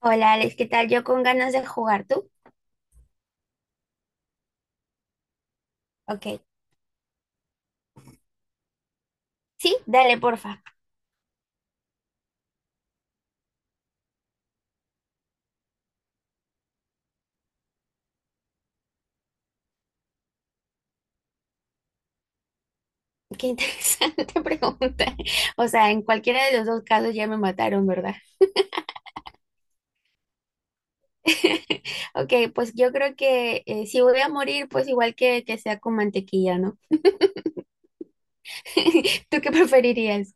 Hola Alex, ¿qué tal? Yo con ganas de jugar, ¿tú? Ok. Sí, dale, porfa. Qué interesante pregunta. O sea, en cualquiera de los dos casos ya me mataron, ¿verdad? Ok, pues yo creo que si voy a morir, pues igual que sea con mantequilla, ¿no? ¿Tú qué preferirías?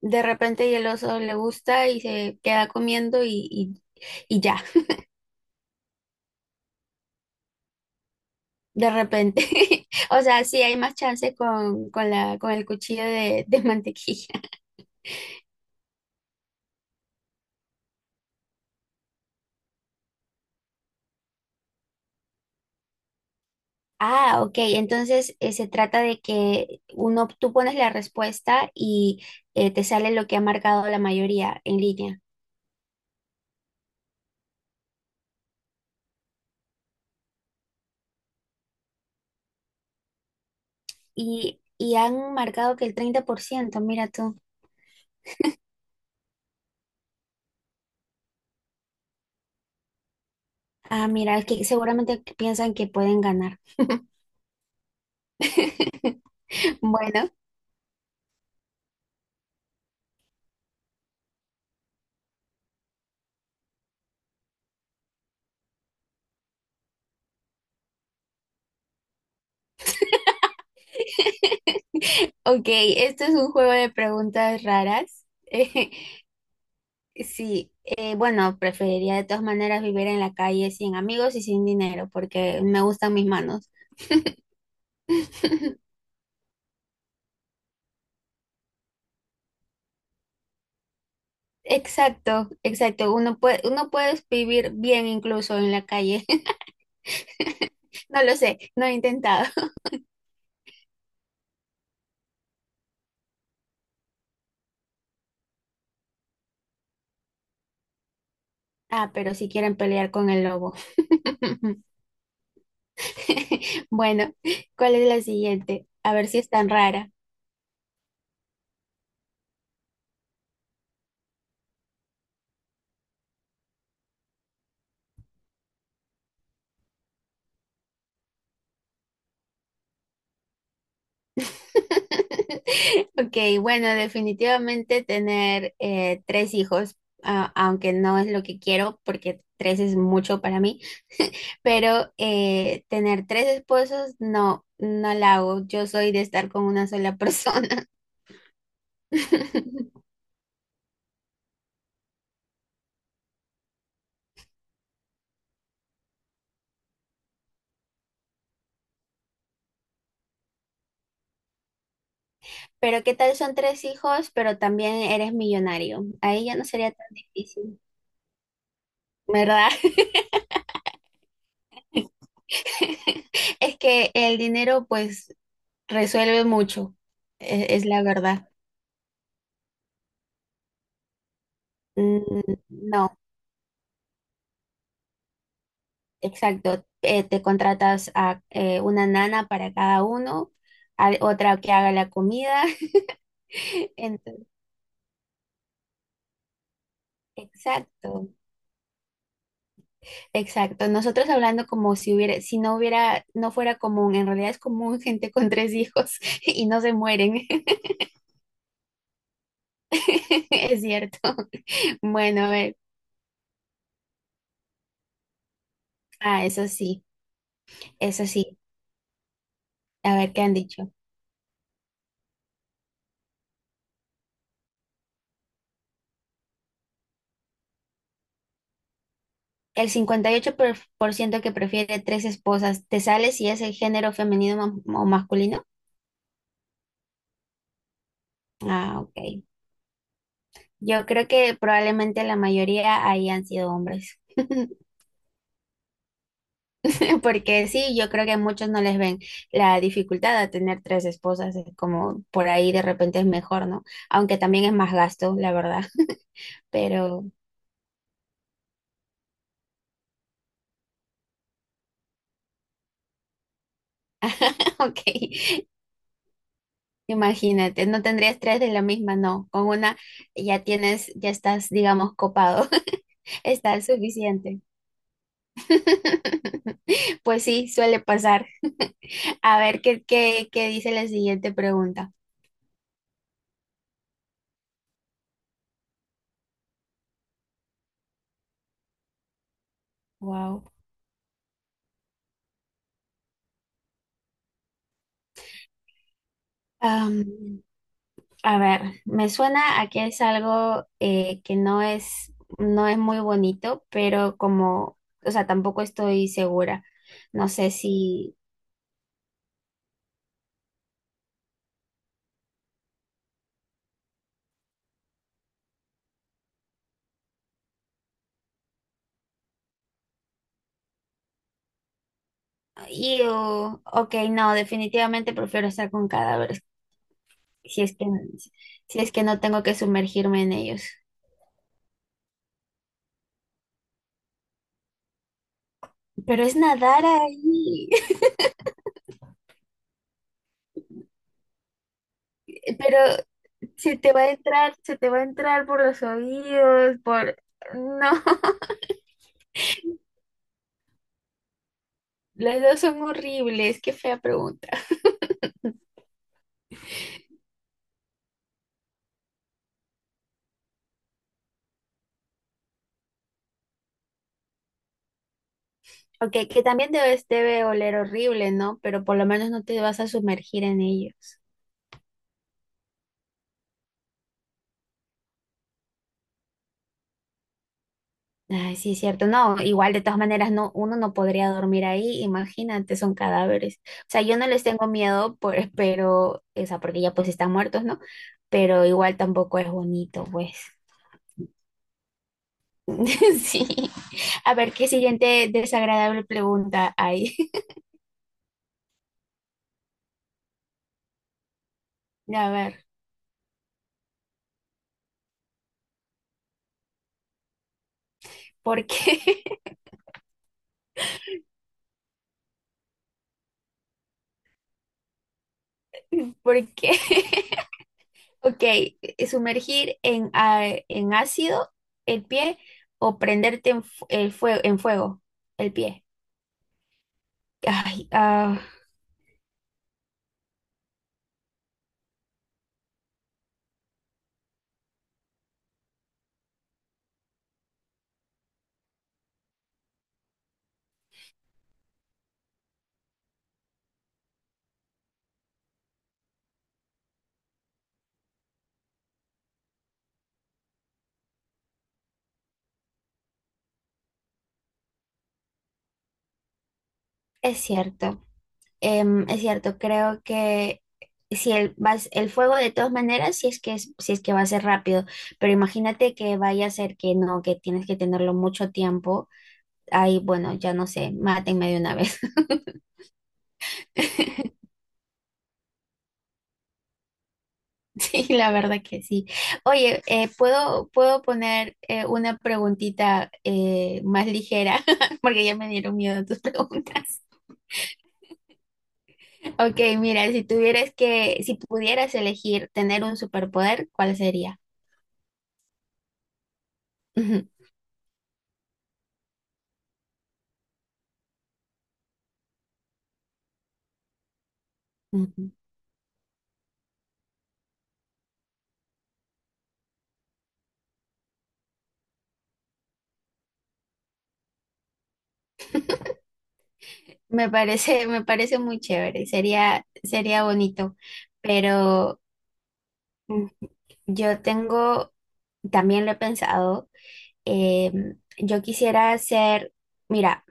De repente y el oso le gusta y se queda comiendo y ya, de repente. O sea, sí hay más chance con el cuchillo de mantequilla. Ah, ok. Entonces se trata de que uno, tú pones la respuesta y te sale lo que ha marcado la mayoría en línea. Y han marcado que el 30%, mira tú. Ah, mira, es que seguramente piensan que pueden ganar. Bueno, ok, esto es un juego de preguntas raras. Sí, bueno, preferiría de todas maneras vivir en la calle sin amigos y sin dinero porque me gustan mis manos. Exacto, exacto. Uno puede vivir bien incluso en la calle. No lo sé, no he intentado. Ah, pero si quieren pelear con el lobo. Bueno, ¿cuál es la siguiente? A ver si es tan rara. Ok, bueno, definitivamente tener tres hijos, aunque no es lo que quiero, porque tres es mucho para mí, pero tener tres esposos, no, no la hago. Yo soy de estar con una sola persona. Pero ¿qué tal son tres hijos, pero también eres millonario? Ahí ya no sería tan difícil, ¿verdad? Es que el dinero pues resuelve mucho, es, la verdad. Mm, no, exacto. Te contratas a una nana para cada uno, a otra que haga la comida. Entonces, exacto, exacto. Nosotros hablando como si hubiera, si no hubiera, no fuera común, en realidad es común gente con tres hijos y no se mueren. Es cierto. Bueno, a ver. Ah, eso sí, eso sí. A ver, ¿qué han dicho? El cincuenta y ocho por ciento que prefiere tres esposas, ¿te sale si es el género femenino, o masculino? Ah, ok. Yo creo que probablemente la mayoría ahí han sido hombres. Porque sí, yo creo que muchos no les ven la dificultad de tener tres esposas, es como por ahí de repente es mejor, ¿no? Aunque también es más gasto, la verdad. Pero, ok. Imagínate, no tendrías tres de la misma, no. Con una ya tienes, ya estás, digamos, copado. Está suficiente. Pues sí, suele pasar. A ver qué dice la siguiente pregunta. Wow. Am, a ver, me suena a que es algo que no es muy bonito, pero como, o sea, tampoco estoy segura. No sé si. Ew, ok, no, definitivamente prefiero estar con cadáveres. si es que, si es que no tengo que sumergirme en ellos. Pero es nadar ahí. Pero se te va a entrar por los oídos, por. No, las dos son horribles, qué fea pregunta. Ok, que también debe oler horrible, ¿no? Pero por lo menos no te vas a sumergir en ellos. Ay, sí, es cierto. No, igual de todas maneras no, uno no podría dormir ahí, imagínate, son cadáveres. O sea, yo no les tengo miedo, pero, o sea, porque ya pues están muertos, ¿no? Pero igual tampoco es bonito, pues. Sí. A ver, ¿qué siguiente desagradable pregunta hay? A ver, ¿por qué? ¿Por qué? Ok, sumergir en ácido el pie o prenderte en fuego el pie. Ay, es cierto, es cierto, creo que si el, vas, el fuego de todas maneras, si es que va a ser rápido, pero imagínate que vaya a ser que no, que tienes que tenerlo mucho tiempo, ahí bueno, ya no sé, mátenme de una vez. Sí, la verdad que sí. Oye, ¿puedo poner una preguntita más ligera? Porque ya me dieron miedo tus preguntas. Ok, mira, si pudieras elegir tener un superpoder, ¿cuál sería? Ujú. Me parece muy chévere, sería bonito, pero mm, yo tengo, también lo he pensado, eh, yo quisiera hacer, mira,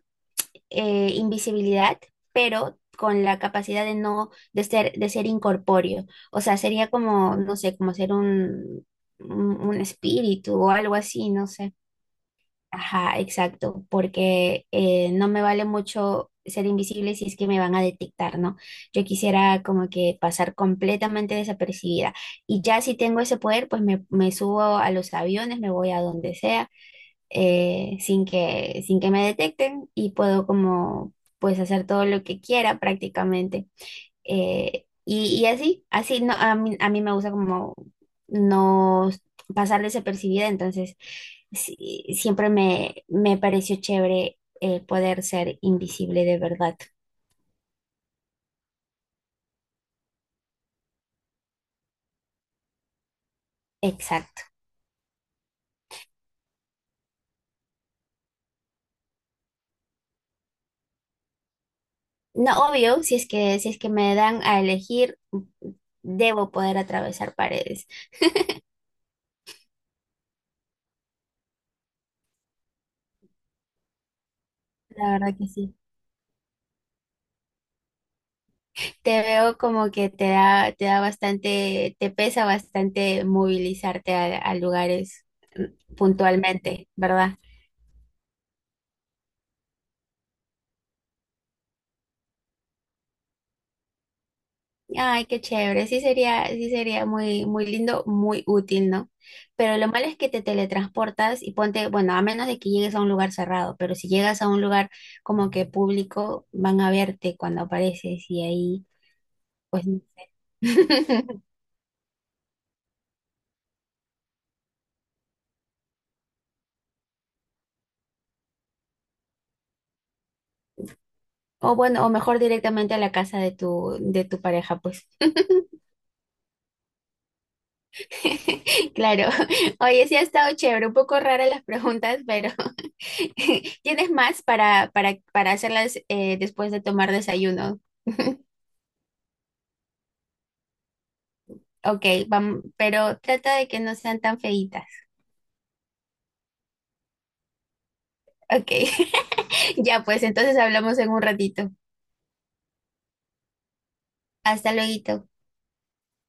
invisibilidad, pero con la capacidad de no, de ser incorpóreo. O sea, sería como, no sé, como ser un espíritu o algo así, no sé. Ajá, exacto, porque no me vale mucho ser invisible si es que me van a detectar, ¿no? Yo quisiera como que pasar completamente desapercibida. Y ya si tengo ese poder, pues me subo a los aviones, me voy a donde sea, sin que me detecten y puedo como, pues hacer todo lo que quiera prácticamente. Y así no, a mí me gusta como no pasar desapercibida, entonces sí, siempre me pareció chévere poder ser invisible de verdad. Exacto. No, obvio, si es que me dan a elegir, debo poder atravesar paredes. La verdad que sí. Te veo como que te pesa bastante movilizarte a lugares puntualmente, ¿verdad? Ay, qué chévere. Sí sería muy, muy lindo, muy útil, ¿no? Pero lo malo es que te teletransportas y ponte, bueno, a menos de que llegues a un lugar cerrado, pero si llegas a un lugar como que público, van a verte cuando apareces y ahí, pues no sé. O bueno, o mejor directamente a la casa de tu pareja, pues. Claro. Oye, sí ha estado chévere, un poco raras las preguntas, pero ¿tienes más para hacerlas después de tomar desayuno? Ok, vamos, pero trata de que no sean tan feitas. Ok, ya pues entonces hablamos en un ratito. Hasta luego.